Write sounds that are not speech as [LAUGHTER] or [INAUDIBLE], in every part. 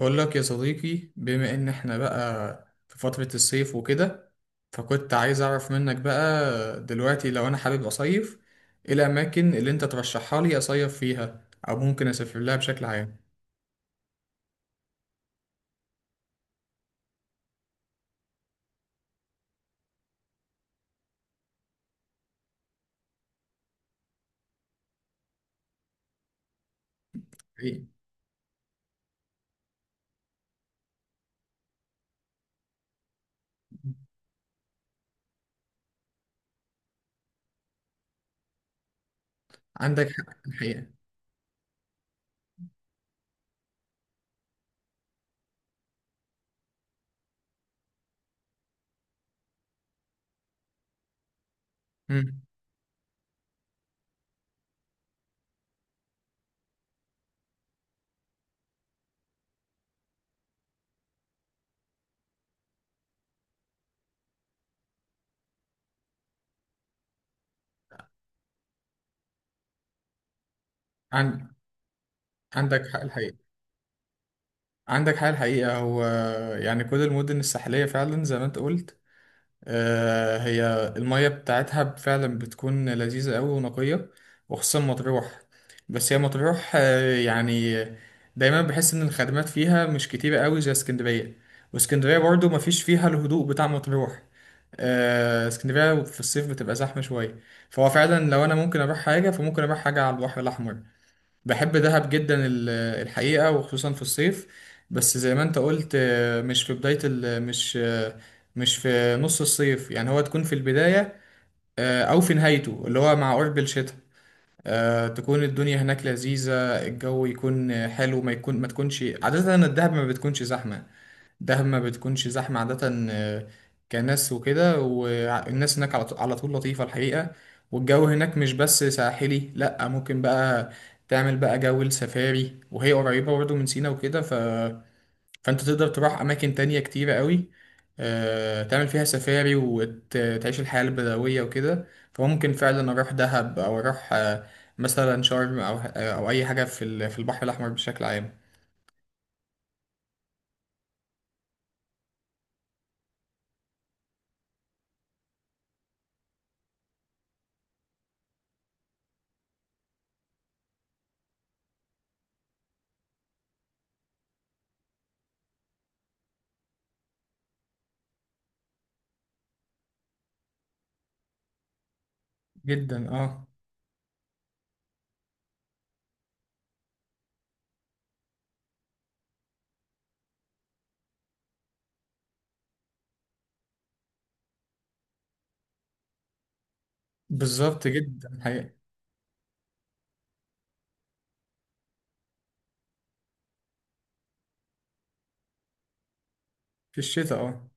بقول لك يا صديقي، بما ان احنا بقى في فترة الصيف وكده، فكنت عايز اعرف منك بقى، دلوقتي لو انا حابب اصيف، ايه الاماكن اللي انت ترشحها لي اصيف فيها او ممكن اسافر لها بشكل عام؟ حقيقي. عندك حق الحقيقة. مم. عن... عندك حق الحقيقة عندك حق الحقيقة. هو يعني كل المدن الساحلية فعلا زي ما انت قلت، هي المية بتاعتها فعلا بتكون لذيذة أوي ونقية، وخصوصا مطروح. بس هي مطروح يعني دايما بحس إن الخدمات فيها مش كتيرة أوي زي اسكندرية، واسكندرية برضو مفيش فيها الهدوء بتاع مطروح. اسكندرية في الصيف بتبقى زحمة شوية، فهو فعلا لو أنا ممكن أروح حاجة فممكن أروح حاجة على البحر الأحمر. بحب دهب جدا الحقيقة، وخصوصا في الصيف. بس زي ما انت قلت، مش في بداية ال مش آه، مش في نص الصيف، يعني هو تكون في البداية أو في نهايته اللي هو مع قرب الشتاء. تكون الدنيا هناك لذيذة، الجو يكون حلو، ما يكون ما تكونش عادة. الدهب ما بتكونش زحمة، دهب ما بتكونش زحمة عادة، كناس وكده، والناس هناك على طول لطيفة الحقيقة. والجو هناك مش بس ساحلي، لأ، ممكن بقى تعمل بقى جو السفاري، وهي قريبة برضه من سينا وكده، فأنت تقدر تروح أماكن تانية كتيرة قوي، تعمل فيها سفاري وتعيش الحياة البدوية وكده. فممكن فعلا أروح دهب أو أروح مثلا شرم، أو أي حاجة في البحر الأحمر بشكل عام. جدا، اه. بالظبط، جدا الحقيقة. في الشتاء، اه.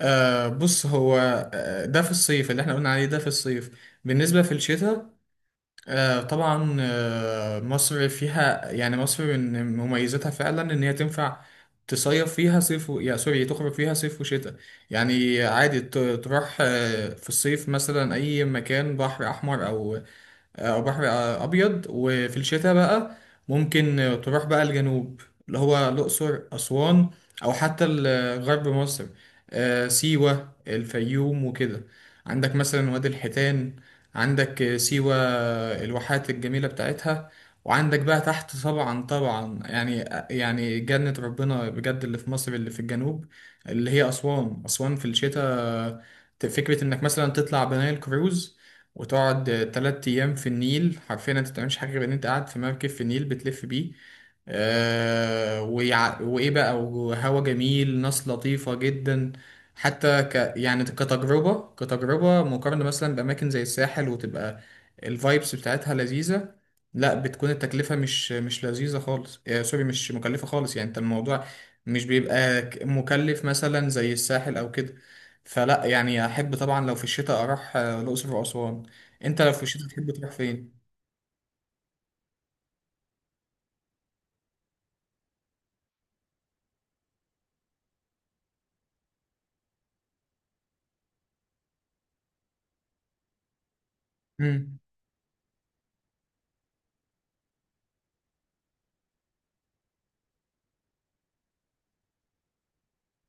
بص. هو ده في الصيف اللي احنا قلنا عليه، ده في الصيف. بالنسبة في الشتاء طبعا، مصر فيها، يعني مصر من مميزاتها فعلا ان هي تنفع تصيف فيها صيف يا سوري، تخرج فيها صيف وشتاء. يعني عادي تروح في الصيف مثلا اي مكان بحر احمر، او بحر ابيض، وفي الشتاء بقى ممكن تروح بقى الجنوب، اللي هو الاقصر، اسوان، او حتى غرب مصر. سيوه، الفيوم وكده. عندك مثلا وادي الحيتان، عندك سيوه، الواحات الجميله بتاعتها. وعندك بقى تحت طبعا، طبعا يعني، يعني جنة ربنا بجد، اللي في مصر اللي في الجنوب، اللي هي أسوان في الشتاء، فكرة إنك مثلا تطلع بنايل كروز وتقعد 3 أيام في النيل. حرفيا أنت متعملش حاجة غير إن أنت قاعد في مركب في النيل بتلف بيه. وايه بقى، وهوا جميل، ناس لطيفة جدا. يعني كتجربة مقارنة مثلا بأماكن زي الساحل، وتبقى الفايبس بتاعتها لذيذة. لا، بتكون التكلفة مش لذيذة خالص، سوري، مش مكلفة خالص، يعني انت الموضوع مش بيبقى مكلف مثلا زي الساحل او كده. فلا يعني احب طبعا لو في الشتاء اروح الاقصر واسوان. انت لو في الشتاء تحب تروح فين؟ مم.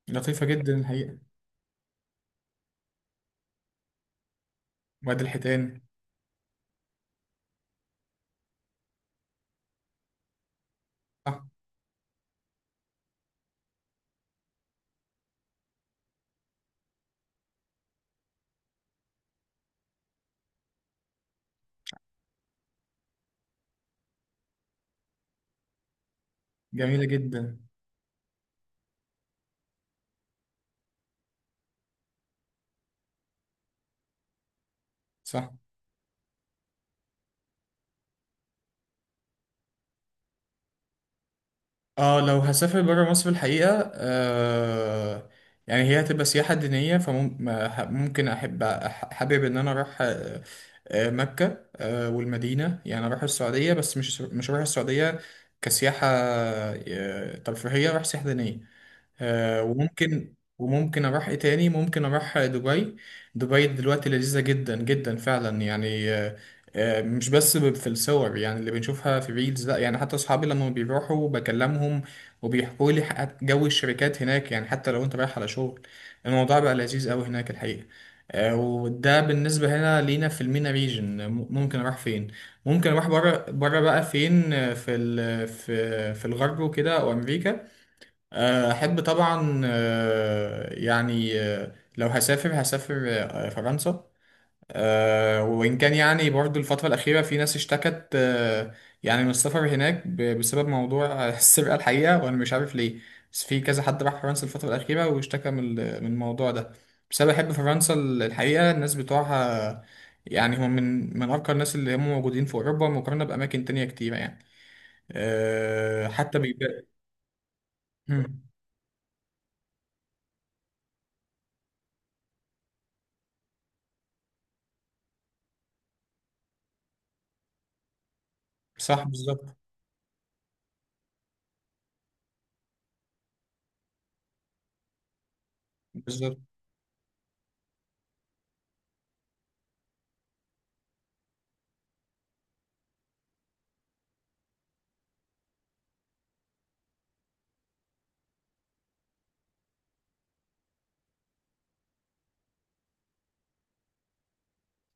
لطيفة جدا الحقيقة. وادي الحيتان. جميلة جدا. صح. اه، لو هسافر برا مصر الحقيقة يعني هي هتبقى سياحة دينية. فممكن أحب حابب إن أنا أروح مكة والمدينة، يعني أروح السعودية، بس مش هروح السعودية كسياحة ترفيهية، أروح سياحة دينية. وممكن اروح ايه تاني. ممكن اروح دبي. دبي دلوقتي لذيذة جدا جدا فعلا، يعني مش بس في الصور، يعني اللي بنشوفها في ريلز، لا يعني حتى اصحابي لما بيروحوا بكلمهم، وبيحكوا لي جو الشركات هناك، يعني حتى لو انت رايح على شغل الموضوع بقى لذيذ قوي هناك الحقيقة. وده بالنسبة هنا لينا في المينا ريجن، ممكن اروح فين؟ ممكن اروح بره، بره بقى فين، في ال- في في الغرب وكده، وامريكا. أحب طبعا، يعني لو هسافر فرنسا. وإن كان يعني برضو الفترة الأخيرة في ناس اشتكت يعني من السفر هناك بسبب موضوع [LAUGHS] السرقة الحقيقة، وأنا مش عارف ليه. بس في كذا حد راح فرنسا الفترة الأخيرة واشتكى من من الموضوع ده. بس أنا بحب فرنسا الحقيقة. الناس بتوعها يعني هم من أرقى الناس اللي هم موجودين في أوروبا مقارنة بأماكن تانية كتيرة، يعني حتى بيبقى. مم. صح. بالظبط. بالظبط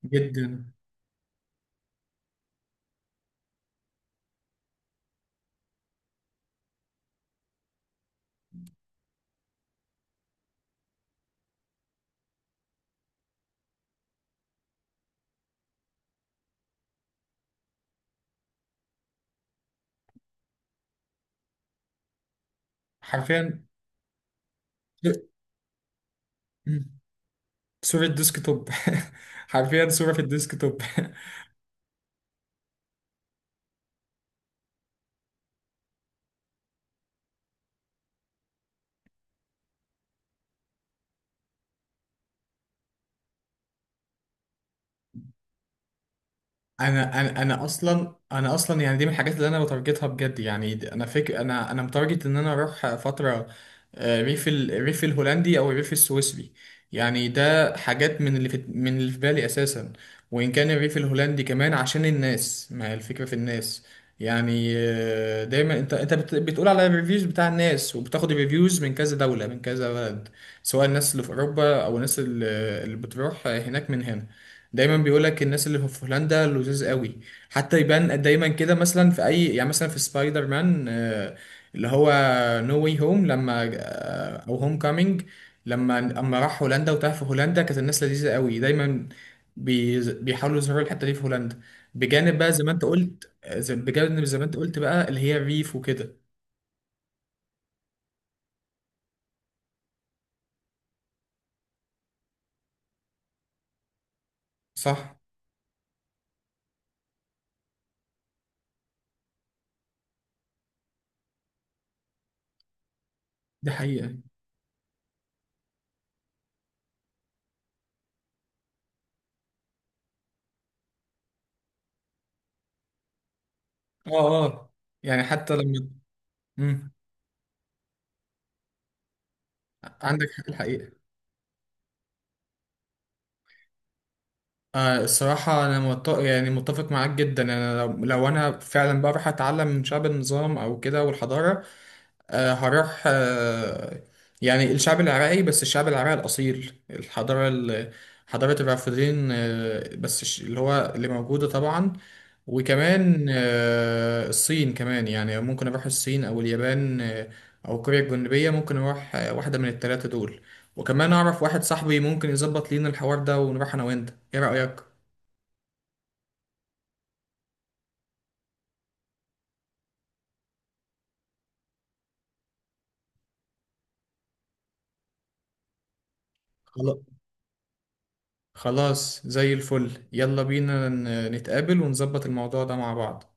جدا. حرفيا. مم. صورة ديسك توب. [LAUGHS] حرفيا، صورة في الديسك توب. [LAUGHS] انا اصلا يعني دي من الحاجات اللي انا بتارجتها بجد، يعني انا فاكر انا متارجت ان انا اروح فتره الريف الهولندي او الريف السويسري. يعني ده حاجات من اللي في بالي اساسا. وان كان الريف الهولندي كمان عشان الناس، ما هي الفكره في الناس. يعني دايما انت بتقول على الريفيوز بتاع الناس، وبتاخد الريفيوز من كذا دوله، من كذا بلد، سواء الناس اللي في اوروبا او الناس اللي بتروح هناك من هنا. دايما بيقول لك الناس اللي في هولندا لذيذ قوي. حتى يبان دايما كده، مثلا في اي، يعني مثلا في سبايدر مان، اللي هو نو واي هوم، لما، او هوم كامينج، لما راح هولندا وتاه في هولندا، كانت الناس لذيذه قوي، دايما بيحاولوا يظهروا الحته دي في هولندا، بجانب بقى زي ما انت قلت آه، زي- بجانب زي ما انت قلت بقى اللي هي الريف وكده. صح. دي حقيقه. اه، اه، يعني حتى لما. مم. عندك حق الحقيقه. الصراحة أنا يعني متفق معاك جدا. لو أنا فعلا بقى رايح أتعلم من شعب، النظام أو كده والحضارة. أه، هروح أه. يعني الشعب العراقي، بس الشعب العراقي الأصيل، الحضارة حضارة الرافدين. أه، بس اللي هو اللي موجودة طبعا. وكمان أه الصين كمان، يعني ممكن أروح الصين أو اليابان، أه، أو كوريا الجنوبية. ممكن أروح أه واحدة من التلاتة دول. وكمان أعرف واحد صاحبي ممكن يظبط لينا الحوار ده ونروح أنا وأنت، إيه رأيك؟ خلا- خلاص زي الفل. يلا بينا نتقابل ونظبط الموضوع ده مع بعض.